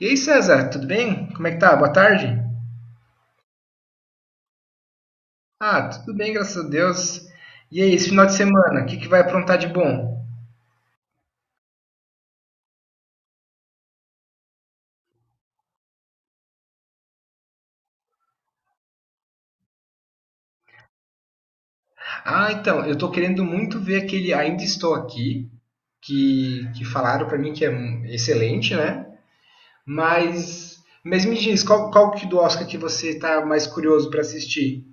E aí, César, tudo bem? Como é que tá? Boa tarde. Ah, tudo bem, graças a Deus. E aí, esse final de semana, o que que vai aprontar de bom? Ah, então, eu tô querendo muito ver aquele Ainda Estou Aqui, que falaram pra mim que é excelente, né? Mas me diz, qual que do Oscar que você tá mais curioso pra assistir?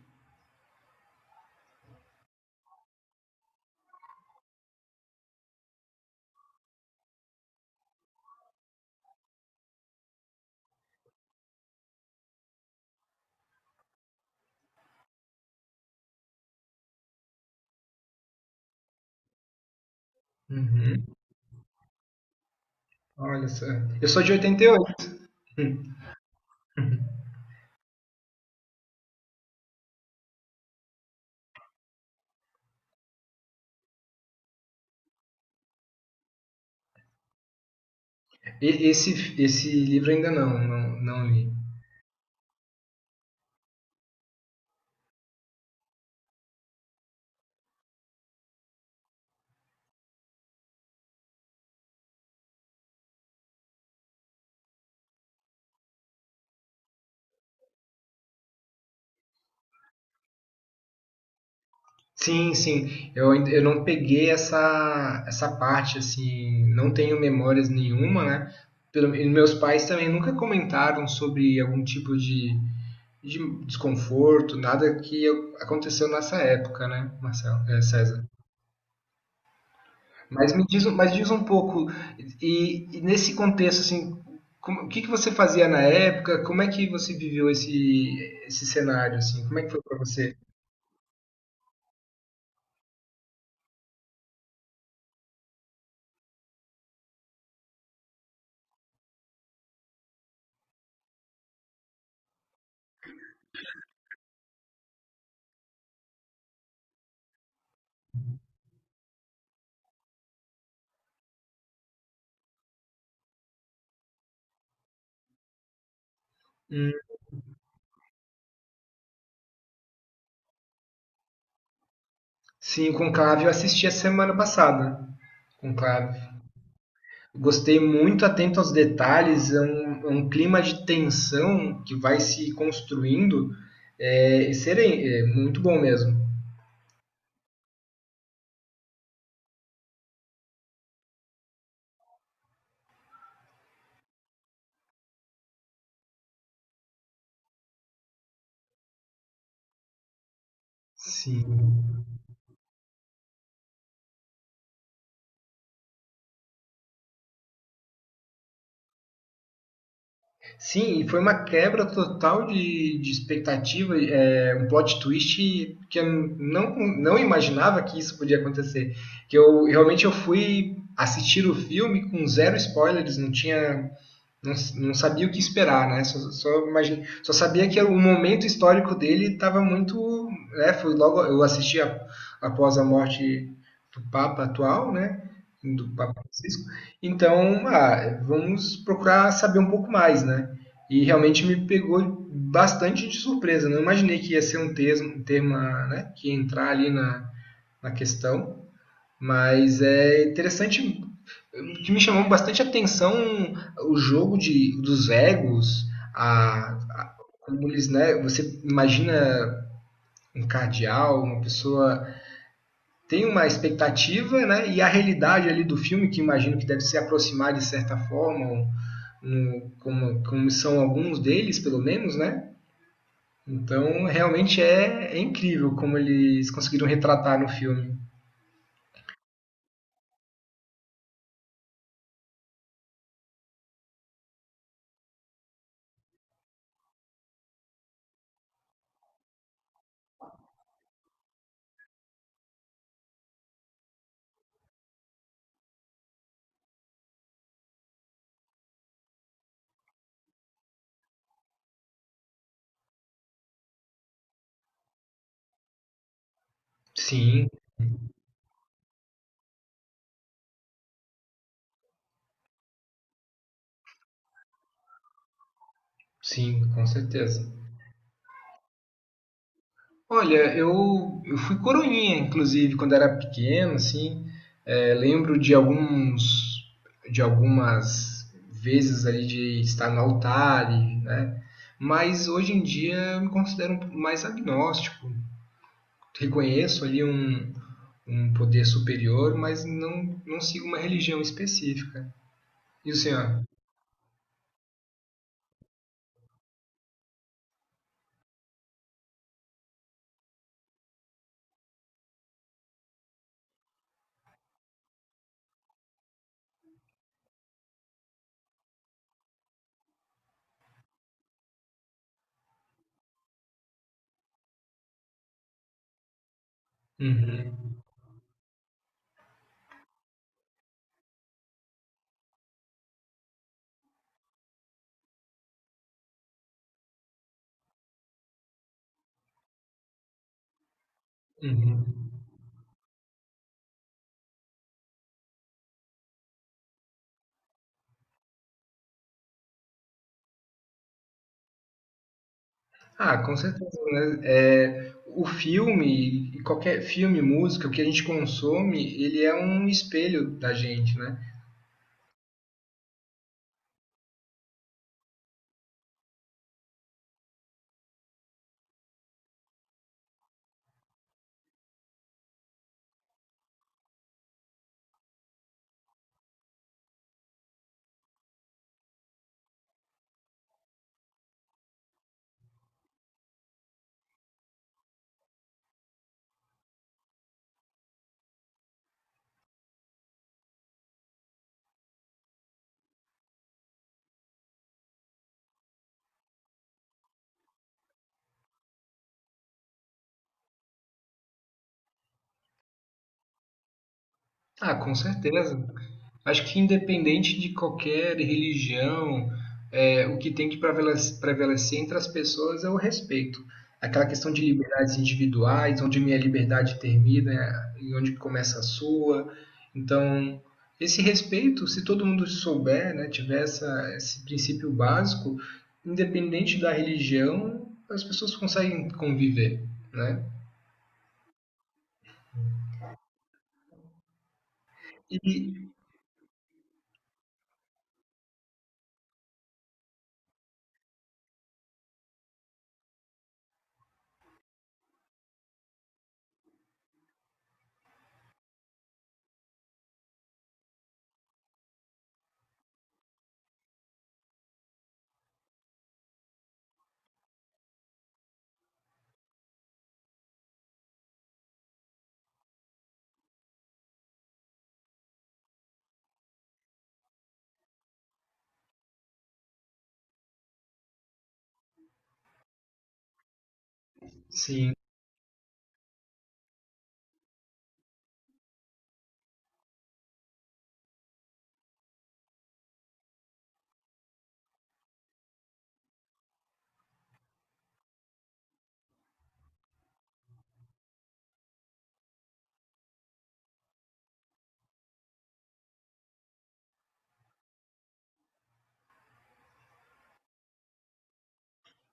Uhum. Olha só, eu sou de 88. Hum. E- Esse, Esse livro ainda não li. Sim, sim. Eu não peguei essa parte, assim, não tenho memórias nenhuma, né? Pelo, e meus pais também nunca comentaram sobre algum tipo de desconforto, nada que aconteceu nessa época, né, César? Mas me diz, mas diz um pouco, e nesse contexto, assim, como- o que que você fazia na época? Como é que você viveu esse cenário, assim? Como é que foi para você? Hum. Sim, o Conclave eu assisti a semana passada. Conclave. Gostei muito, atento aos detalhes, é é um clima de tensão que vai se construindo. É, serem, é muito bom mesmo. Sim. Sim, e foi uma quebra total de expectativa, é, um plot twist que eu não, não imaginava que isso podia acontecer. Que eu realmente eu fui assistir o filme com zero spoilers, não, não sabia o que esperar, né? Só, só, imagine, só sabia que o momento histórico dele estava muito. Né? Foi logo. Após a morte do Papa atual, né? Do Papa Francisco. Então, ah, vamos procurar saber um pouco mais, né? E realmente me pegou bastante de surpresa. Não imaginei que ia ser um termo, um tema, né? Que ia entrar ali na questão. Mas é interessante. Que me chamou bastante atenção o jogo dos egos, a, a- como eles, né? Você imagina um cardeal, uma pessoa tem uma expectativa, né? E a realidade ali do filme, que imagino que deve se aproximar de certa forma, como são alguns deles, pelo menos, né? Então, realmente é, é incrível como eles conseguiram retratar no filme. Sim, sim, com certeza. Olha, eu fui coroinha, inclusive, quando era pequeno, assim. É, de algumas vezes ali de estar no altar, e, né? Mas hoje em dia eu me considero um mais agnóstico. Reconheço ali um poder superior, mas não sigo uma religião específica. E o senhor? Uhum, uhum. Ah, com certeza, né? É, o filme, e qualquer filme, música, o que a gente consome, ele é um espelho da gente, né? Ah, com certeza. Acho que independente de qualquer religião, é, o que tem que prevalecer entre as pessoas é o respeito. Aquela questão de liberdades individuais, onde minha liberdade termina e onde começa a sua. Então, esse respeito, se todo mundo souber, né, tiver essa, esse princípio básico, independente da religião, as pessoas conseguem conviver, né? E, sim,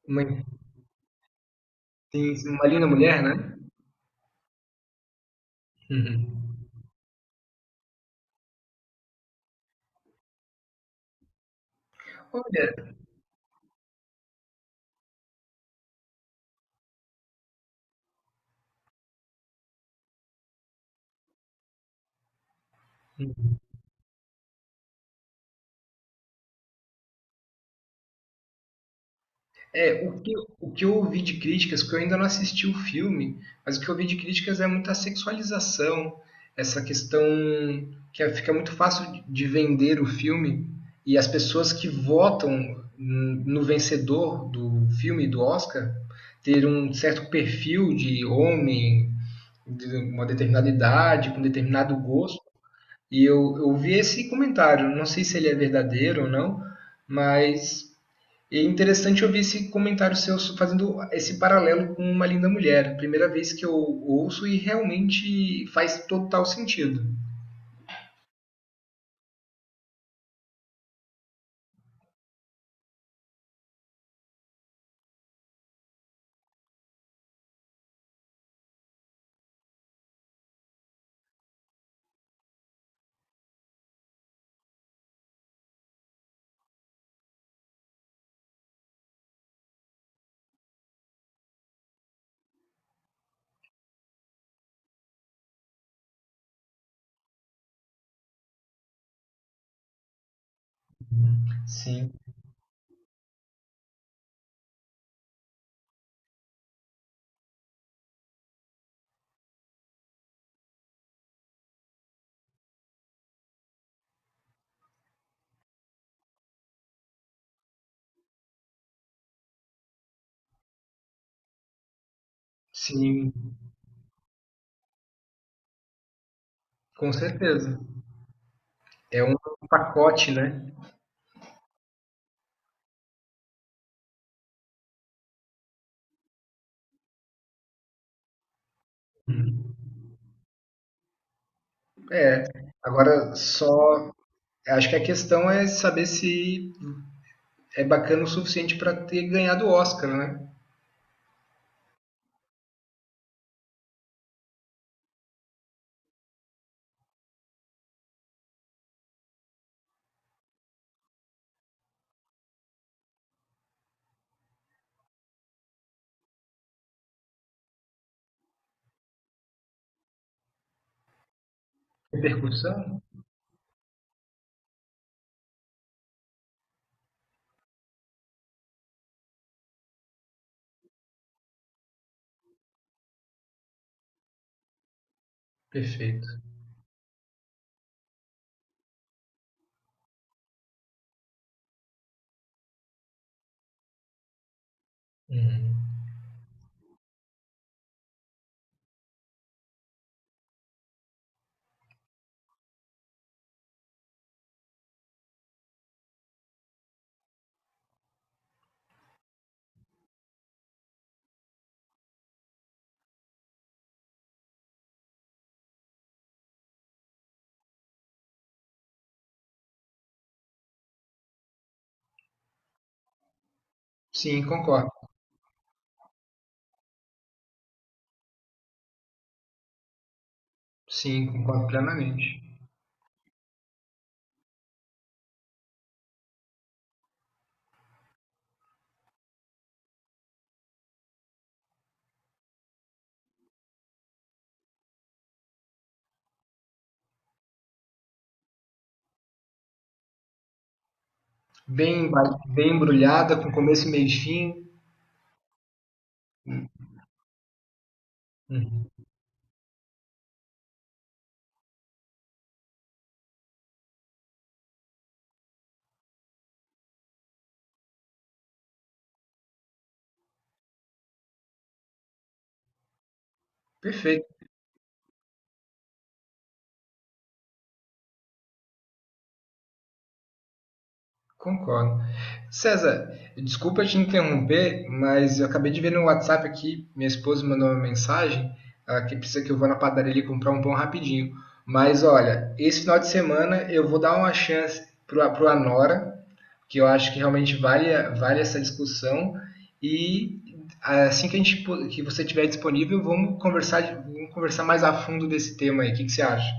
uma, sim, uma linda mulher, né? Uhum. Olha, é, o que eu ouvi de críticas, porque eu ainda não assisti o filme, mas o que eu ouvi de críticas é muita sexualização, essa questão que fica muito fácil de vender o filme e as pessoas que votam no vencedor do filme, do Oscar, ter um certo perfil de homem, de uma determinada idade, com determinado gosto. E eu vi esse comentário, não sei se ele é verdadeiro ou não, mas e é interessante ouvir esse comentário seu fazendo esse paralelo com Uma Linda Mulher. Primeira vez que eu ouço e realmente faz total sentido. Sim. Sim, com certeza. É um pacote, né? É. Agora só acho que a questão é saber se é bacana o suficiente para ter ganhado o Oscar, né? Repercussão? Perfeito. Uhum. Sim, concordo. Sim, concordo plenamente. Bem, bem embrulhada, com começo, meio e fim. Uhum. Perfeito, concordo. César, desculpa te interromper, mas eu acabei de ver no WhatsApp aqui, minha esposa mandou uma mensagem, ah, que precisa que eu vá na padaria ali comprar um pão rapidinho. Mas olha, esse final de semana eu vou dar uma chance pro Anora, que eu acho que realmente vale, vale essa discussão. E assim que a gente que você tiver disponível, vamos conversar, vamos conversar mais a fundo desse tema aí. O que que você acha?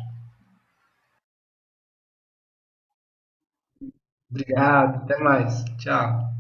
Obrigado, até mais. Tchau.